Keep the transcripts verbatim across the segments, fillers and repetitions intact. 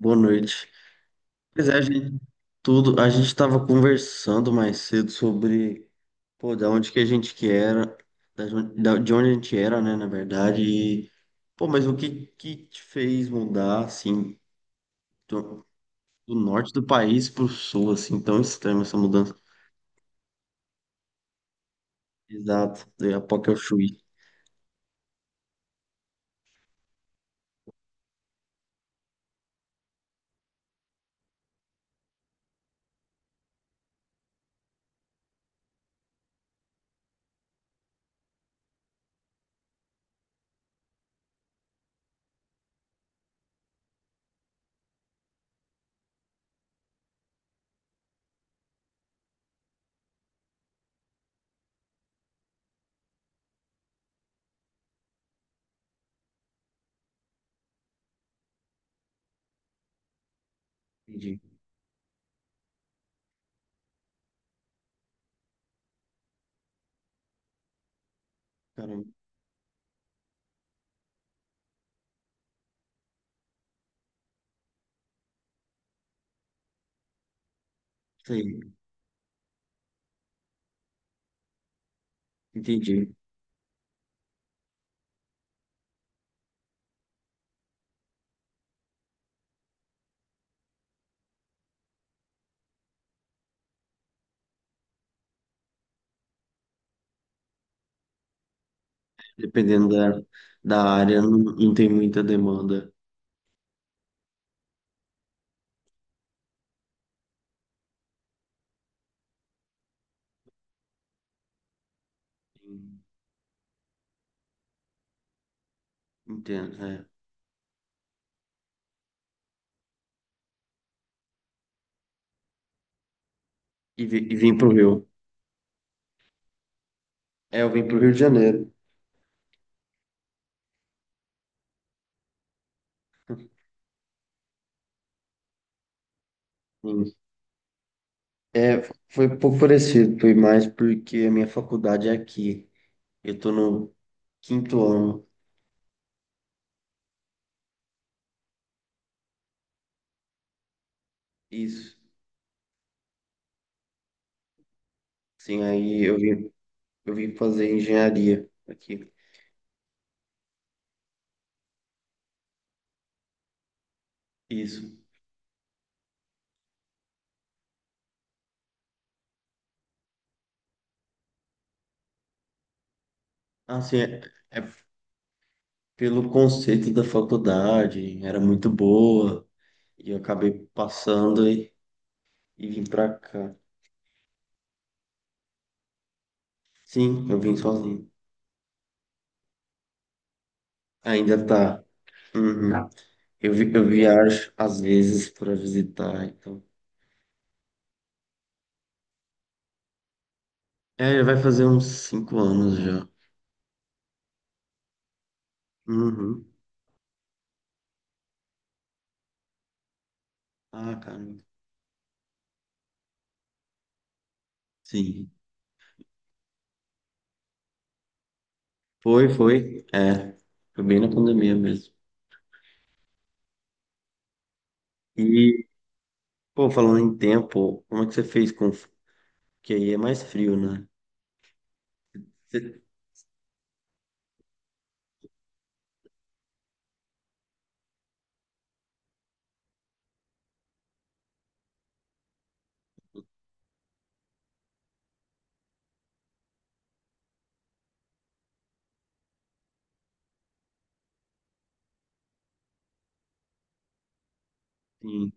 Boa noite. Pois é, a gente, tudo, a gente estava conversando mais cedo sobre, pô, da onde que a gente que era, da jon- da- de onde a gente era, né, na verdade, e, pô, mas o que que te fez mudar, assim, do, do norte do país pro sul, assim, tão extrema essa mudança? Exato, daí a pouco eu fui. Entendi. Caramba, sei, entendi. Dependendo da, da área, não, não tem muita demanda. Entendo, é. E, vi- e vim pro Rio. É, eu vim para o Rio de Janeiro. Sim. É, foi um pouco parecido, foi mais porque a minha faculdade é aqui. Eu estou no quinto ano. Isso. Sim, aí eu vim, eu vim fazer engenharia aqui. Isso. Assim, é, é pelo conceito da faculdade, era muito boa, e eu acabei passando e, e vim para cá. Sim, eu vim sozinho. Ainda tá. Uhum. Eu, vi- eu viajo às vezes para visitar, então. É, vai fazer uns cinco anos já. Uhum. Ah, caramba. Sim. Foi, foi. É. Foi bem na pandemia mesmo. E, pô, falando em tempo, como é que você fez com. Que aí é mais frio, né? Você- Sim,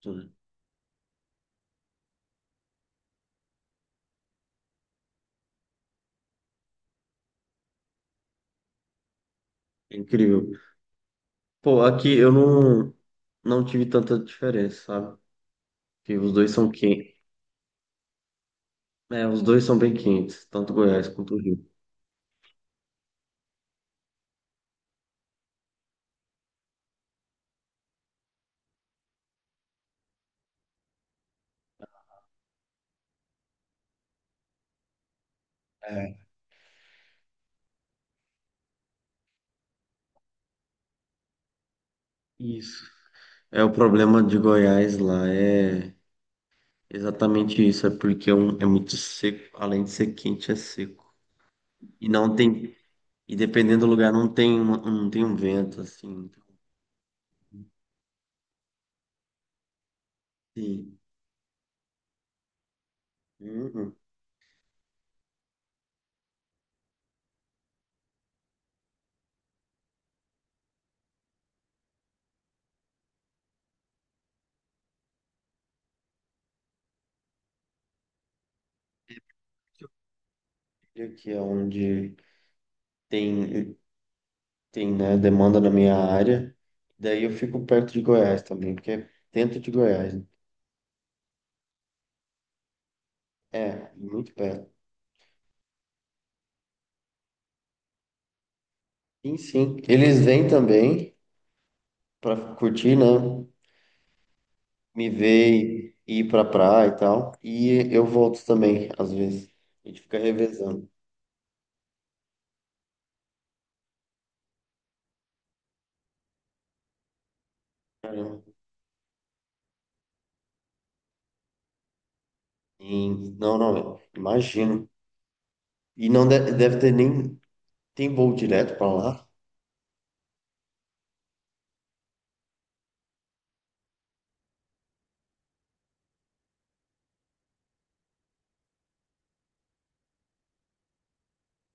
tudo. É incrível. Pô, aqui eu não, não tive tanta diferença, sabe? Porque os dois são quentes. É, os dois são bem quentes, tanto Goiás quanto o Rio. É. Isso. É o problema de Goiás lá, é. Exatamente isso, é porque é, um- é muito seco, além de ser quente, é seco. E não tem, e dependendo do lugar, não tem, uma, não tem um vento, assim. Sim. Uhum. E aqui é onde tem, tem, né, demanda na minha área. Daí eu fico perto de Goiás também, porque é dentro de Goiás, né? É, muito perto. Sim, sim. Eles vêm também para curtir, né? Me ver e ir pra praia e tal. E eu volto também, às vezes. A gente fica revezando. Em- Não, não, imagino. E não de- deve ter nem. Tem voo direto para lá?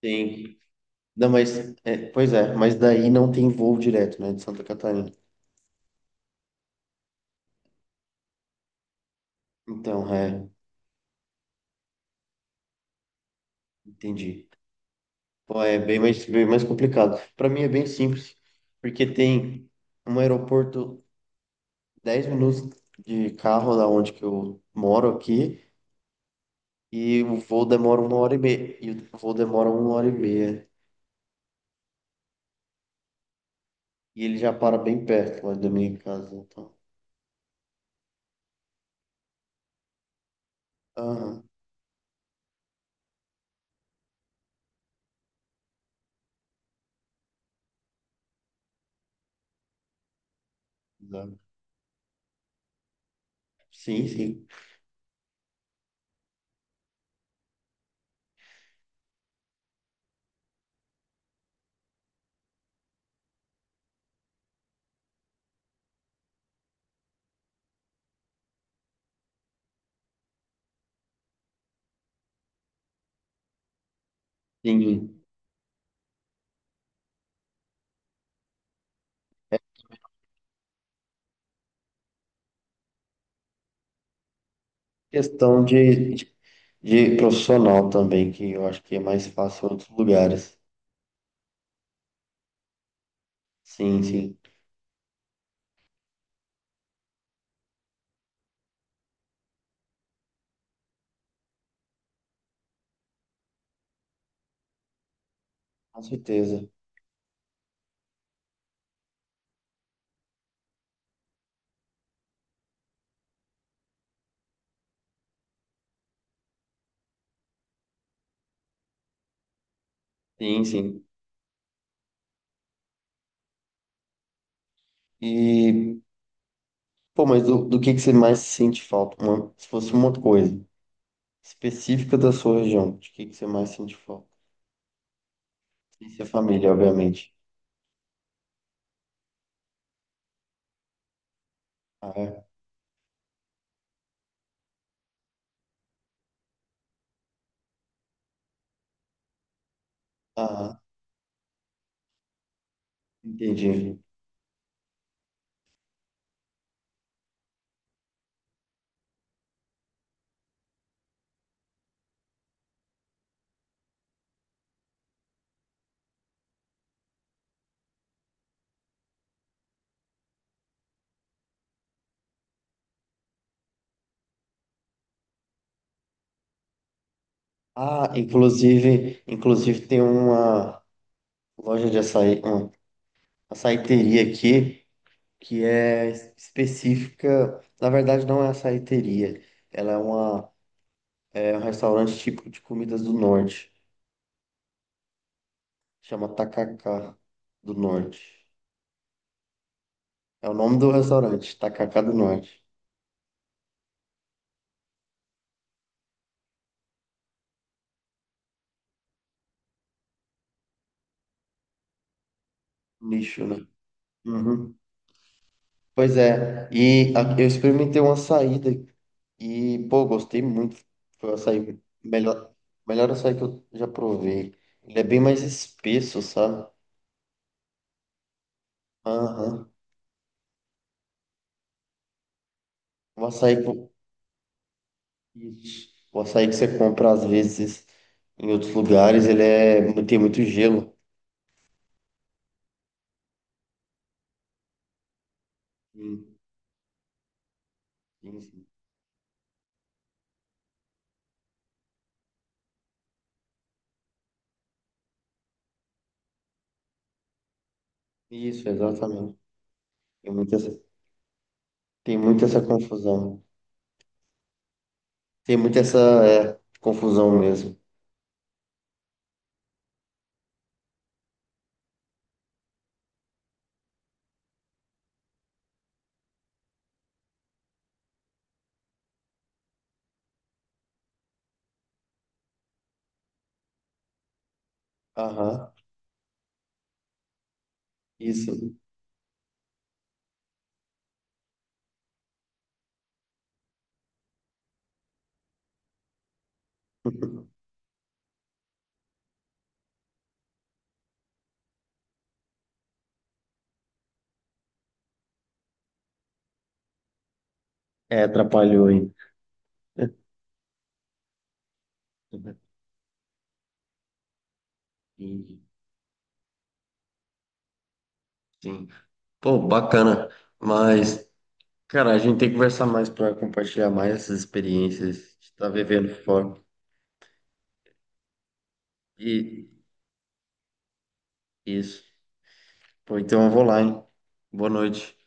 Tem. Não, mas. É, pois é, mas daí não tem voo direto, né, de Santa Catarina. Então, é, entendi. Pô, é bem mais, bem mais complicado. Para mim é bem simples, porque tem um aeroporto dez minutos de carro da onde que eu moro aqui, e o voo demora uma hora e meia. E o voo demora uma hora e meia. E ele já para bem perto lá da minha casa, então. Aham. Sim, sim. Sim. Questão de, de de profissional também, que eu acho que é mais fácil em outros lugares. Sim, sim. Com certeza. Sim, sim. E, pô, mas do, do que que você mais sente falta? Uma- se fosse uma coisa específica da sua região, de que que você mais sente falta? Sem ser família, obviamente. Ah, é? Ah, entendi. Ah, inclusive, inclusive tem uma loja de açaí, uma açaiteria aqui, que é específica, na verdade não é açaiteria, ela é uma é um restaurante típico de comidas do norte, chama Tacacá do Norte. É o nome do restaurante, Tacacá do Norte. Lixo, né? Uhum. Pois é, e a- eu experimentei uma saída e, pô, gostei muito. Foi o açaí, melhor, melhor açaí que eu já provei. Ele é bem mais espesso, sabe? Aham. O açaí. Ixi. O açaí que você compra às vezes em outros lugares, ele é, tem muito gelo. Hum, sim, sim. Isso, exatamente. Tem muita essa, tem muito essa confusão. Tem muito essa, é, confusão mesmo. Aham, isso. É, atrapalhou aí. Entendi. Sim. Pô, bacana. Mas, cara, a gente tem que conversar mais para compartilhar mais essas experiências de estar vivendo fora. E isso. Pô, então eu vou lá, hein? Boa noite.